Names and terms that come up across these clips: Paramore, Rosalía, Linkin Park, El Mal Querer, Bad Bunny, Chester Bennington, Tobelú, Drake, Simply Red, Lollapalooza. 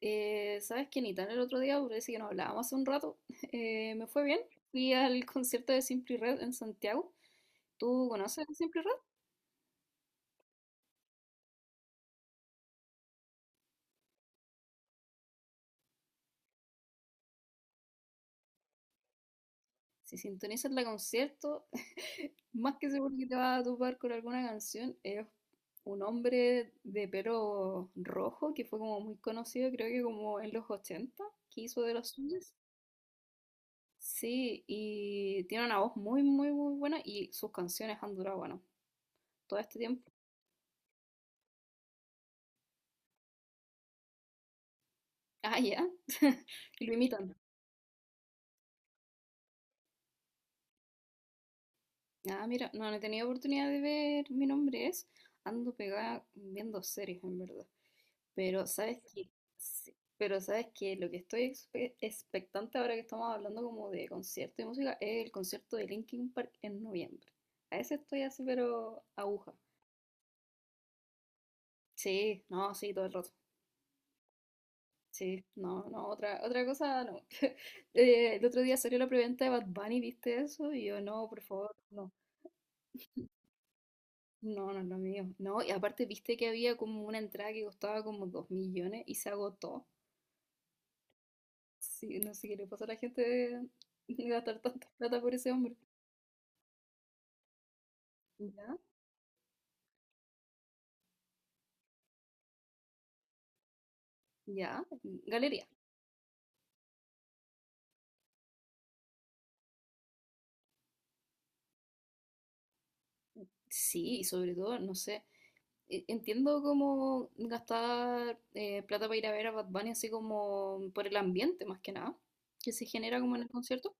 ¿Sabes qué, Nitán? El otro día, parece que nos hablábamos hace un rato, me fue bien. Fui al concierto de Simply Red en Santiago. ¿Tú conoces a Simply Red? Si sintonizas la concierto, más que seguro que te vas a topar con alguna canción. Es un hombre de pelo rojo que fue como muy conocido, creo que como en los 80, que hizo de los suyos. Sí, y tiene una voz muy, muy, muy buena y sus canciones han durado, bueno, todo este tiempo. Ah, ya. Y lo imitan. Ah, mira, no, no he tenido oportunidad de ver Mi nombre es. Ando pegada viendo series, en verdad. Pero sabes que, sí, pero sabes que lo que estoy expectante ahora que estamos hablando como de concierto y música es el concierto de Linkin Park en noviembre. A ese estoy así, pero aguja. Sí, no, sí, todo el rato. Sí, no, no, otra cosa no. El otro día salió la preventa de Bad Bunny, ¿viste eso? Y yo, no, por favor, no. No, no es lo mío. No, y aparte viste que había como una entrada que costaba como 2 millones y se agotó. Sí, no sé qué le pasó a la gente de gastar tanta plata por ese hombre. Ya, ya, galería. Sí, y sobre todo, no sé, entiendo como gastar plata para ir a ver a Bad Bunny así como por el ambiente más que nada, que se genera como en el concierto,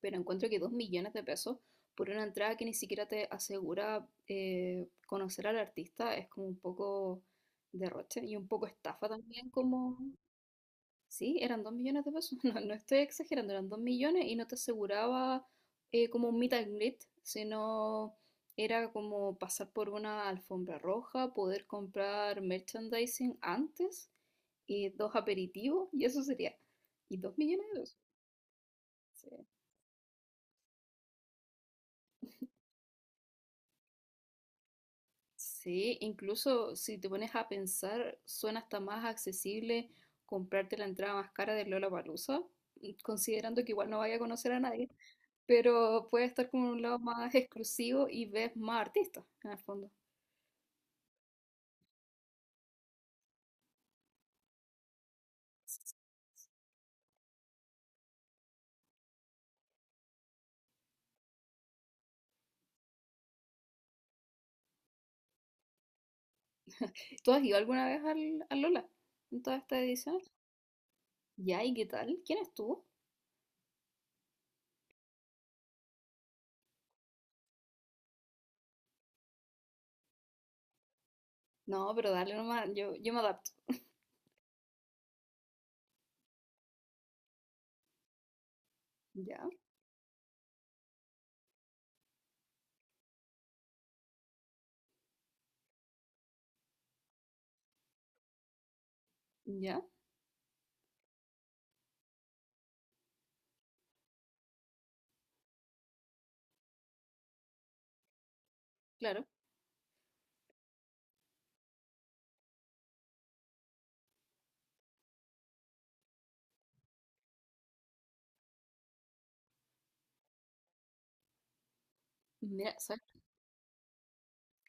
pero encuentro que 2 millones de pesos por una entrada que ni siquiera te asegura conocer al artista es como un poco derroche y un poco estafa también como... Sí, eran 2 millones de pesos, no, no estoy exagerando, eran 2 millones y no te aseguraba como un meet and greet, sino era como pasar por una alfombra roja, poder comprar merchandising antes, y dos aperitivos y eso sería. Y 2 millones de pesos. Sí. Sí, incluso si te pones a pensar, suena hasta más accesible comprarte la entrada más cara de Lollapalooza, considerando que igual no vaya a conocer a nadie, pero puede estar como en un lado más exclusivo y ves más artistas, en el fondo. ¿Tú has ido alguna vez al Lola en todas estas ediciones? Ya, ¿y qué tal? ¿Quién estuvo? No, pero dale nomás, yo me adapto. Ya, ya, claro. Mira, ¿sabes?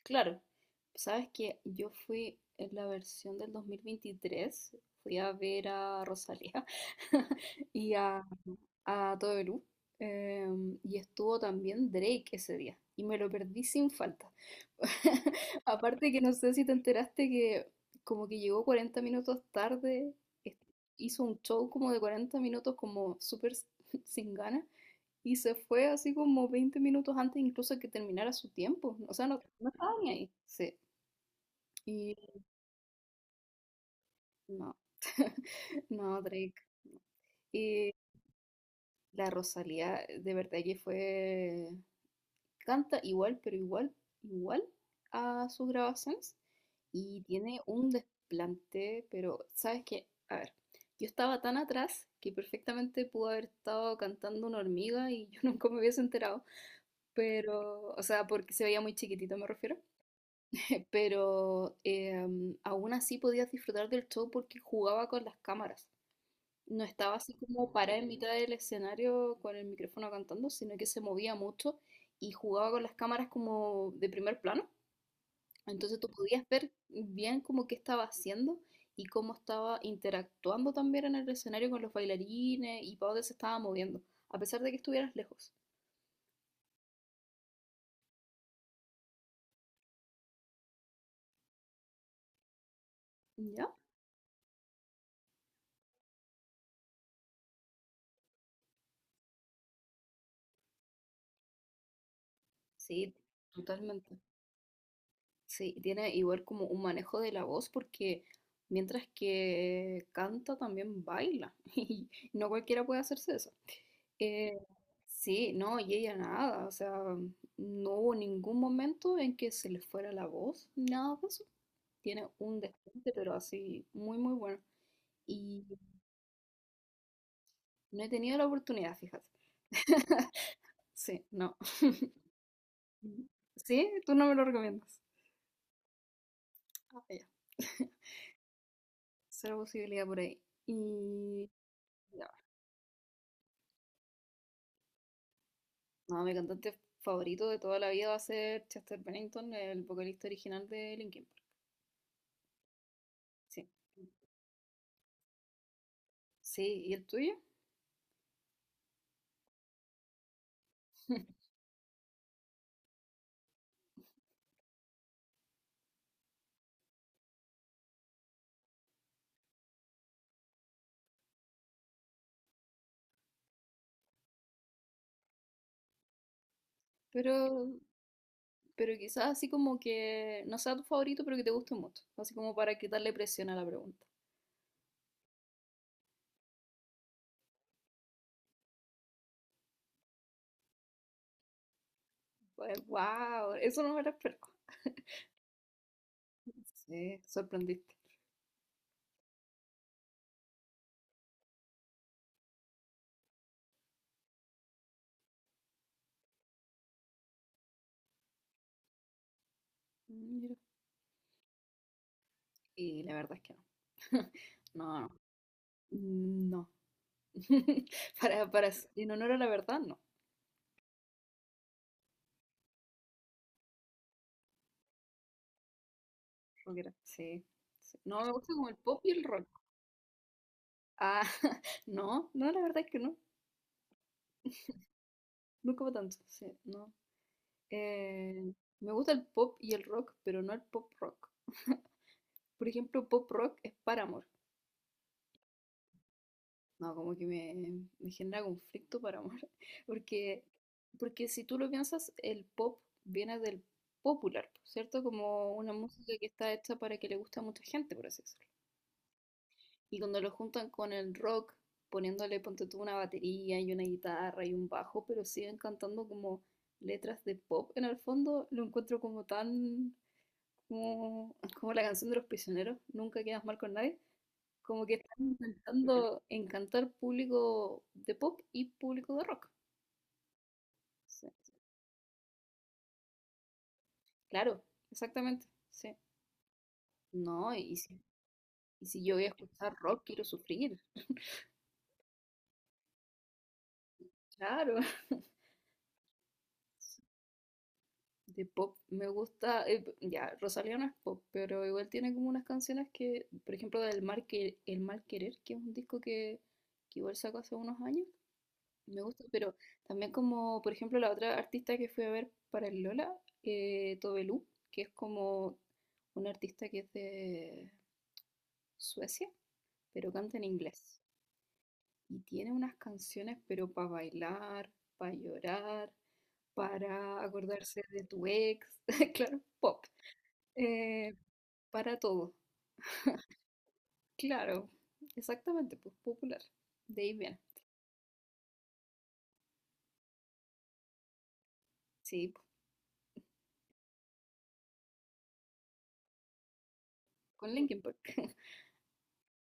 Claro, sabes que yo fui en la versión del 2023, fui a ver a Rosalía y a Todo Perú, y estuvo también Drake ese día, y me lo perdí sin falta. Aparte que no sé si te enteraste que como que llegó 40 minutos tarde, es- hizo un show como de 40 minutos como súper sin ganas, y se fue así como 20 minutos antes incluso que terminara su tiempo, o sea, no, no estaba ni ahí, sí. No, no, Drake. Y la Rosalía, de verdad que fue, canta igual, igual a sus grabaciones. Y tiene un desplante, pero ¿sabes qué? A ver, yo estaba tan atrás que perfectamente pudo haber estado cantando una hormiga y yo nunca me hubiese enterado. Pero, o sea, porque se veía muy chiquitito, me refiero. Pero aún así podías disfrutar del show porque jugaba con las cámaras. No estaba así como parada en mitad del escenario con el micrófono cantando, sino que se movía mucho y jugaba con las cámaras como de primer plano. Entonces tú podías ver bien como qué estaba haciendo y cómo estaba interactuando también en el escenario con los bailarines y para dónde se estaba moviendo, a pesar de que estuvieras lejos. ¿Ya? Sí, totalmente. Sí, y tiene igual como un manejo de la voz porque mientras que canta también baila y no cualquiera puede hacerse eso. Eh, sí, no, y ella nada, o sea, no hubo ningún momento en que se le fuera la voz, nada de eso. Tiene un desplante, pero así, muy, muy bueno. Y no he tenido la oportunidad, fíjate. Sí, no. Mm. Sí, tú no me lo recomiendas. Ah, ya. Cero posibilidad por ahí. Y ya, no, mi cantante favorito de toda la vida va a ser Chester Bennington, el vocalista original de Linkin Park. Sí, sí, ¿y el tuyo? Pero Pero quizás así como que no sea tu favorito, pero que te guste mucho. Así como para quitarle presión a la pregunta. Pues, wow, eso no me lo esperaba. Sí, sorprendiste. Mira. Y la verdad es que no. No, no. No. Para, en honor a la verdad, no. Rockera. Sí, sí. No, me gusta como el pop y el rock. Ah, no, no, la verdad es que no. Nunca va tanto. Sí, no. Eh, Me gusta el pop y el rock, pero no el pop rock. Por ejemplo, pop rock es Paramore. No, como que me genera conflicto para amor. Porque, porque si tú lo piensas, el pop viene del popular, ¿cierto? Como una música que está hecha para que le guste a mucha gente, por así decirlo. Y cuando lo juntan con el rock, poniéndole, ponte tú, una batería y una guitarra y un bajo, pero siguen cantando como letras de pop en el fondo, lo encuentro como tan... Como la canción de los prisioneros, nunca quedas mal con nadie. Como que están intentando encantar público de pop y público de rock. Sí, claro, exactamente. Sí. No, y si, yo voy a escuchar rock, quiero sufrir. Claro. De pop me gusta, ya, Rosalía no es pop, pero igual tiene como unas canciones que, por ejemplo, del Mal, que, El Mal Querer, que es un disco que, igual sacó hace unos años. Me gusta, pero también como, por ejemplo, la otra artista que fui a ver para el Lola, Tobelú, que es como una artista que es de Suecia, pero canta en inglés. Y tiene unas canciones, pero para bailar, para llorar, para acordarse de tu ex, claro, pop, eh, para todo. Claro, exactamente, pues popular. De ahí viene. Sí, pues, con Linkin Park.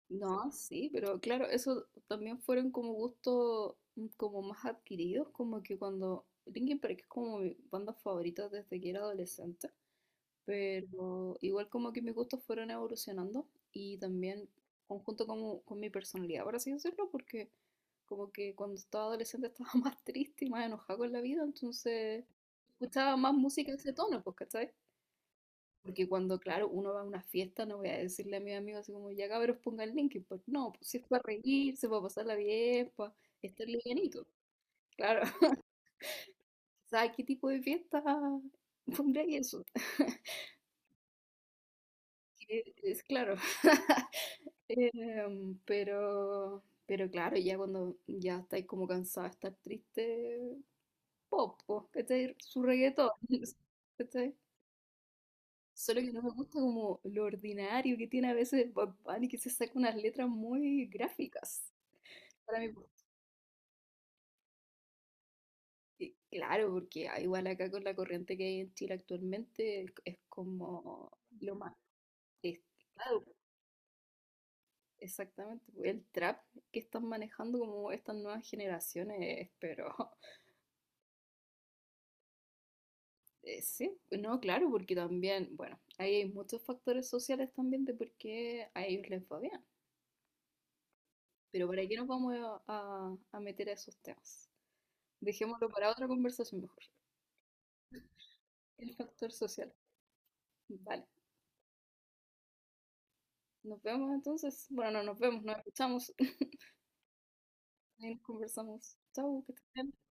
No, sí, pero claro, eso también fueron como gustos como más adquiridos, como que cuando Linkin Park es como mi banda favorita desde que era adolescente, pero igual como que mis gustos fueron evolucionando y también conjunto como con mi personalidad, por así decirlo, porque como que cuando estaba adolescente estaba más triste y más enojada con la vida, entonces escuchaba más música de ese tono, pues, ¿cachai? Porque cuando, claro, uno va a una fiesta, no voy a decirle a mis amigos así como, ya cabros, ponga el Linkin Park. No, pues si es para reírse, para pasarla bien, para estar livianito. Claro. ¿Sabes qué tipo de fiesta pondría eso? Que es claro. Pero, claro, ya cuando ya estáis como cansada de estar triste, pop, po, ¿cachai? Su reggaetón, ¿cachai? Solo que no me gusta como lo ordinario que tiene a veces Bad Bunny, que se saca unas letras muy gráficas. Para mí, claro, porque ah, igual acá con la corriente que hay en Chile actualmente, es como lo más... es- claro, exactamente. Pues, el trap que están manejando como estas nuevas generaciones, pero sí, no, claro, porque también, bueno, ahí hay muchos factores sociales también de por qué a ellos les va bien. Pero ¿para qué nos vamos a meter a esos temas? Dejémoslo para otra conversación mejor. El factor social. Vale. Nos vemos entonces. Bueno, no nos vemos, nos escuchamos. Ahí nos conversamos. Chau, que te